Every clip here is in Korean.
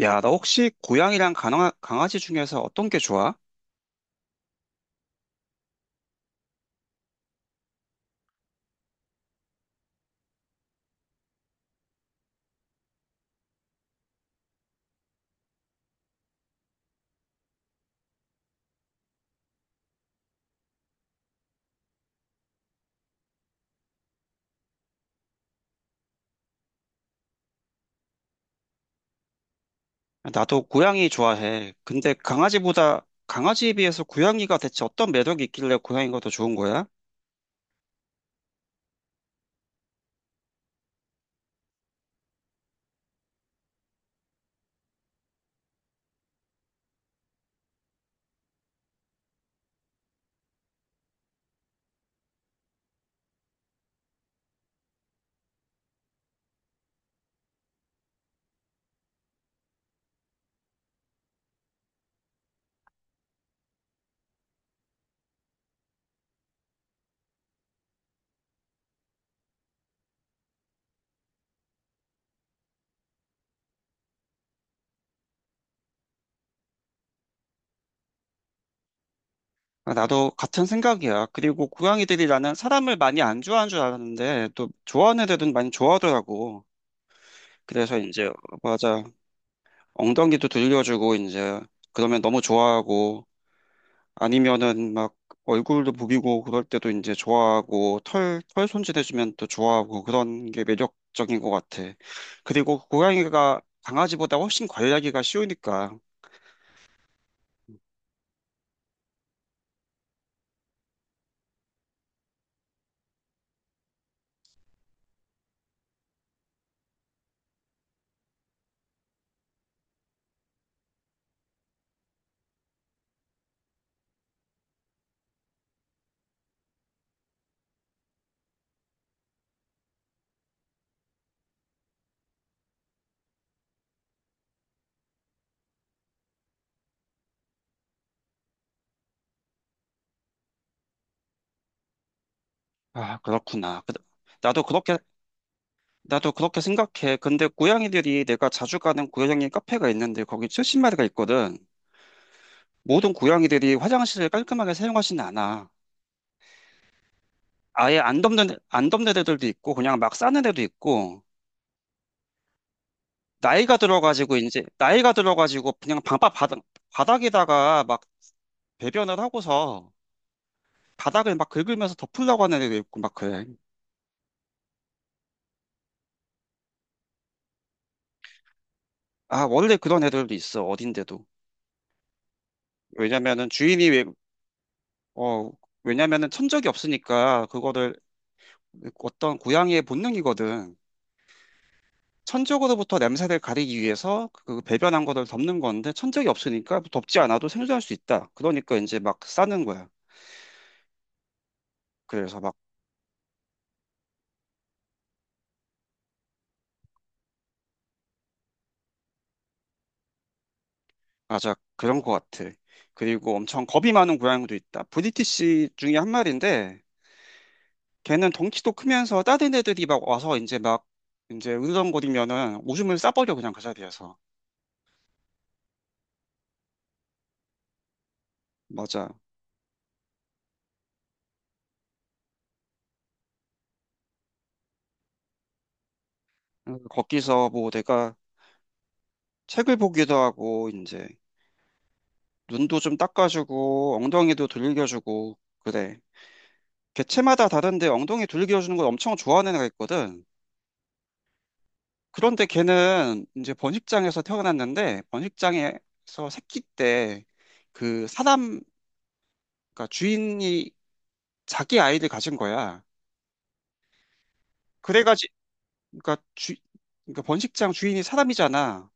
야, 너 혹시 고양이랑 강아지 중에서 어떤 게 좋아? 나도 고양이 좋아해. 근데 강아지에 비해서 고양이가 대체 어떤 매력이 있길래 고양이가 더 좋은 거야? 아, 나도 같은 생각이야. 그리고 고양이들이 나는 사람을 많이 안 좋아하는 줄 알았는데, 또 좋아하는 애들은 많이 좋아하더라고. 그래서 맞아. 엉덩이도 들려주고, 이제, 그러면 너무 좋아하고, 아니면은 막 얼굴도 부비고 그럴 때도 이제 좋아하고 털 손질해주면 또 좋아하고 그런 게 매력적인 것 같아. 그리고 고양이가 강아지보다 훨씬 관리하기가 쉬우니까. 아, 그렇구나. 나도 그렇게, 나도 그렇게 생각해. 근데 고양이들이 내가 자주 가는 고양이 카페가 있는데 거기 70마리가 있거든. 모든 고양이들이 화장실을 깔끔하게 사용하지는 않아. 아예 안 덮는 애들도 있고 그냥 막 싸는 애도 있고 나이가 들어가지고 그냥 방바 바닥 바닥에다가 막 배변을 하고서 바닥을 막 긁으면서 덮으려고 하는 애도 있고 막 그래. 아, 원래 그런 애들도 있어 어딘데도. 왜냐면은 주인이 왜, 어 왜냐면은 천적이 없으니까 그거를 어떤 고양이의 본능이거든. 천적으로부터 냄새를 가리기 위해서 그 배변한 거를 덮는 건데 천적이 없으니까 덮지 않아도 생존할 수 있다. 그러니까 이제 막 싸는 거야. 그래서 막 맞아. 그런 것 같아. 그리고 엄청 겁이 많은 고양이도 있다. 브리티시 중에 한 마리인데, 걔는 덩치도 크면서 다른 애들이 막 와서 이제 으르렁거리면은 오줌을 싸버려, 그냥 그 자리에서. 맞아. 거기서 뭐 내가 책을 보기도 하고, 이제 눈도 좀 닦아주고, 엉덩이도 두들겨주고, 그래. 개체마다 다른데 엉덩이 두들겨주는 걸 엄청 좋아하는 애가 있거든. 그런데 걔는 이제 번식장에서 태어났는데 번식장에서 새끼 때 그 사람 그러니까 주인이 자기 아이를 가진 거야. 그래가지고 그러니까 주 그러니까 번식장 주인이 사람이잖아.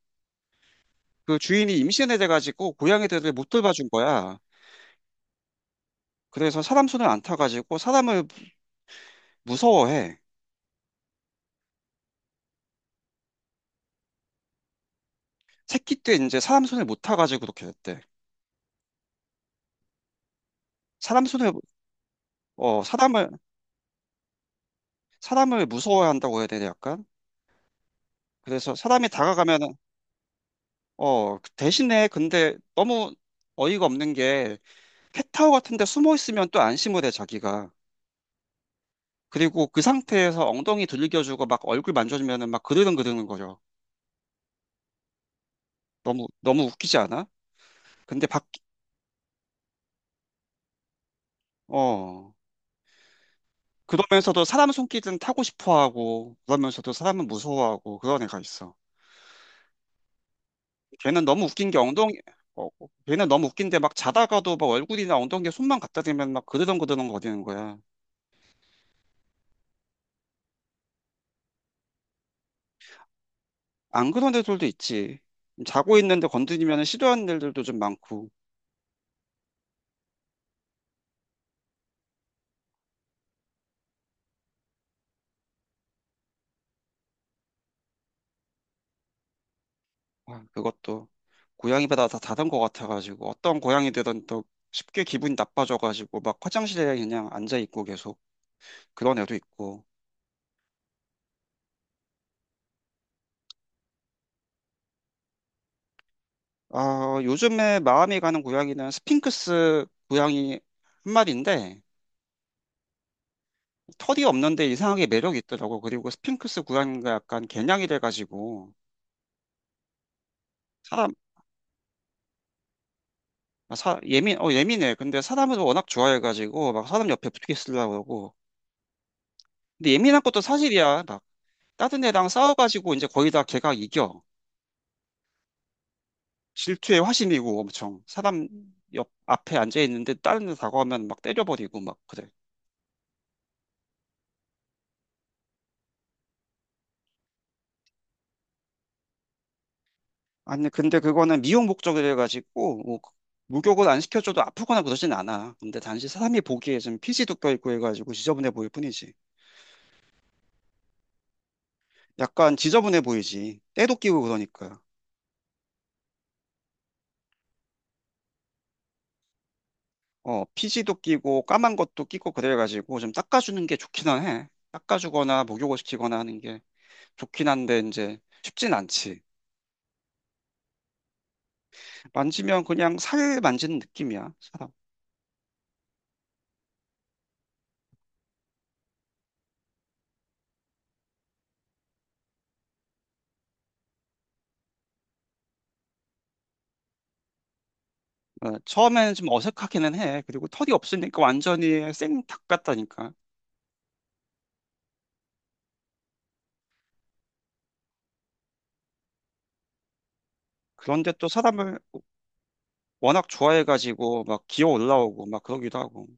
그 주인이 임신해 돼가지고 고양이들을 못 돌봐준 거야. 그래서 사람 손을 안 타가지고 사람을 무서워해. 새끼 때 이제 사람 손을 못 타가지고 그렇게 됐대. 사람 손을 어 사람을 사람을 무서워한다고 해야 되나 약간. 그래서 사람이 다가가면 그 대신에 근데 너무 어이가 없는 게 캣타워 같은 데 숨어 있으면 또 안심을 해, 자기가. 그리고 그 상태에서 엉덩이 들겨주고 막 얼굴 만져주면은 막 그르릉그르는 거려. 너무, 너무 웃기지 않아? 근데 밖, 어, 그러면서도 사람 손길은 타고 싶어 하고, 그러면서도 사람은 무서워하고 그런 애가 있어. 걔는 너무 웃긴 게 엉덩이, 어, 걔는 너무 웃긴데 막 자다가도 막 얼굴이나 엉덩이에 손만 갖다 대면 막 그르렁그르렁 거리는 거야. 안 그런 애들도 있지. 자고 있는데 건드리면 시도하는 애들도 좀 많고. 아, 그것도 고양이마다 다 다른 것 같아가지고 어떤 고양이들은 또 쉽게 기분이 나빠져가지고 막 화장실에 그냥 앉아 있고 계속 그런 애도 있고. 아, 요즘에 마음이 가는 고양이는 스핑크스 고양이 한 마리인데 털이 없는데 이상하게 매력이 있더라고. 그리고 스핑크스 고양이가 약간 개냥이 돼가지고 사람 아, 사, 예민, 어, 예민해. 근데 사람을 워낙 좋아해가지고, 막 사람 옆에 붙게 쓰려고 그러고, 근데 예민한 것도 사실이야. 막 다른 애랑 싸워가지고 이제 거의 다 걔가 이겨. 질투의 화신이고 엄청 사람 옆 앞에 앉아 있는데 다른 애 다가오면 막 때려버리고 막 그래. 아니 근데 그거는 미용 목적으로 해가지고 목욕을 안 시켜줘도 아프거나 그러진 않아. 근데 단지 사람이 보기에 좀 피지도 껴있고 해가지고 지저분해 보일 뿐이지. 약간 지저분해 보이지. 때도 끼고 그러니까. 어, 피지도 끼고 까만 것도 끼고 그래가지고 좀 닦아주는 게 좋기는 해. 닦아주거나 목욕을 시키거나 하는 게. 좋긴 한데 이제 쉽진 않지. 만지면 그냥 살 만지는 느낌이야, 사람. 어, 처음에는 좀 어색하기는 해. 그리고 털이 없으니까 완전히 생닭 같다니까. 그런데 또 사람을 워낙 좋아해가지고 막 기어 올라오고 막 그러기도 하고.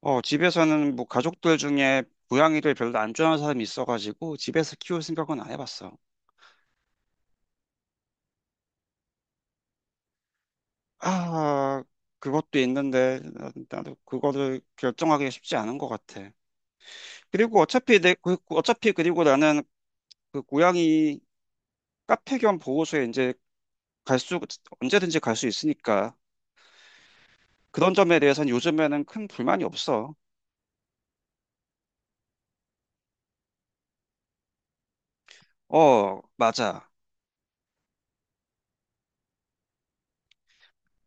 어, 집에서는 뭐 가족들 중에 고양이를 별로 안 좋아하는 사람이 있어가지고 집에서 키울 생각은 안 해봤어. 아, 그것도 있는데 나도 그거를 결정하기가 쉽지 않은 것 같아. 그리고 어차피 그리고 나는 그 고양이 카페 겸 보호소에 이제 갈 수, 언제든지 갈 수 있으니까 그런 점에 대해서는 요즘에는 큰 불만이 없어. 어, 맞아.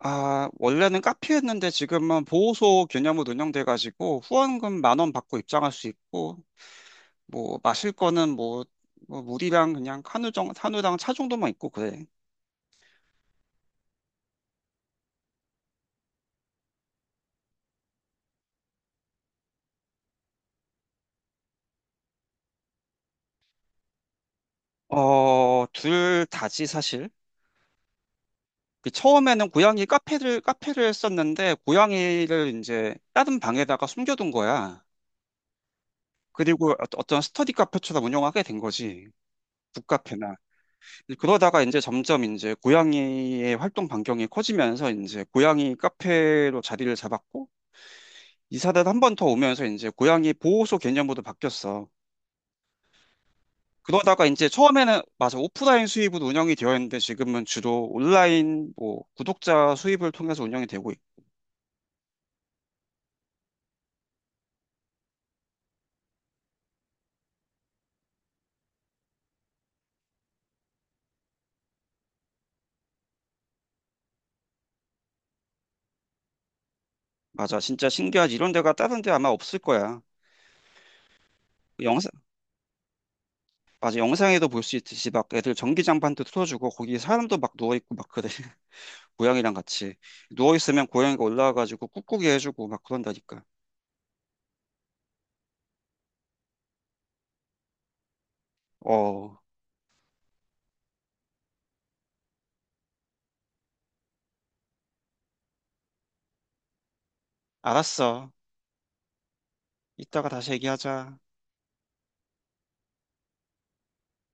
아, 원래는 카페였는데 지금은 보호소 개념으로 운영돼가지고 후원금 10,000원 받고 입장할 수 있고 뭐 마실 거는 뭐, 뭐 물이랑 그냥 한우랑 차 정도만 있고 그래. 어, 둘 다지 사실. 그 처음에는 고양이 카페를 카페를 었는데 고양이를 이제 다른 방에다가 숨겨둔 거야. 그리고 어떤 스터디 카페처럼 운영하게 된 거지. 북카페나. 그러다가 이제 점점 고양이의 활동 반경이 커지면서 이제 고양이 카페로 자리를 잡았고, 이사를 한 번 더 오면서 이제 고양이 보호소 개념으로 바뀌었어. 그러다가 이제 처음에는 맞아 오프라인 수입으로 운영이 되어 있는데 지금은 주로 온라인 뭐 구독자 수입을 통해서 운영이 되고 있- 맞아 진짜 신기하지 이런 데가 다른 데 아마 없을 거야. 영상 맞아 영상에도 볼 수 있듯이 막 애들 전기장판도 틀어주고 거기 사람도 막 누워 있고 막 그래. 고양이랑 같이 누워 있으면 고양이가 올라와가지고 꾹꾹이 해주고 막 그런다니까. 어, 알았어. 이따가 다시 얘기하자.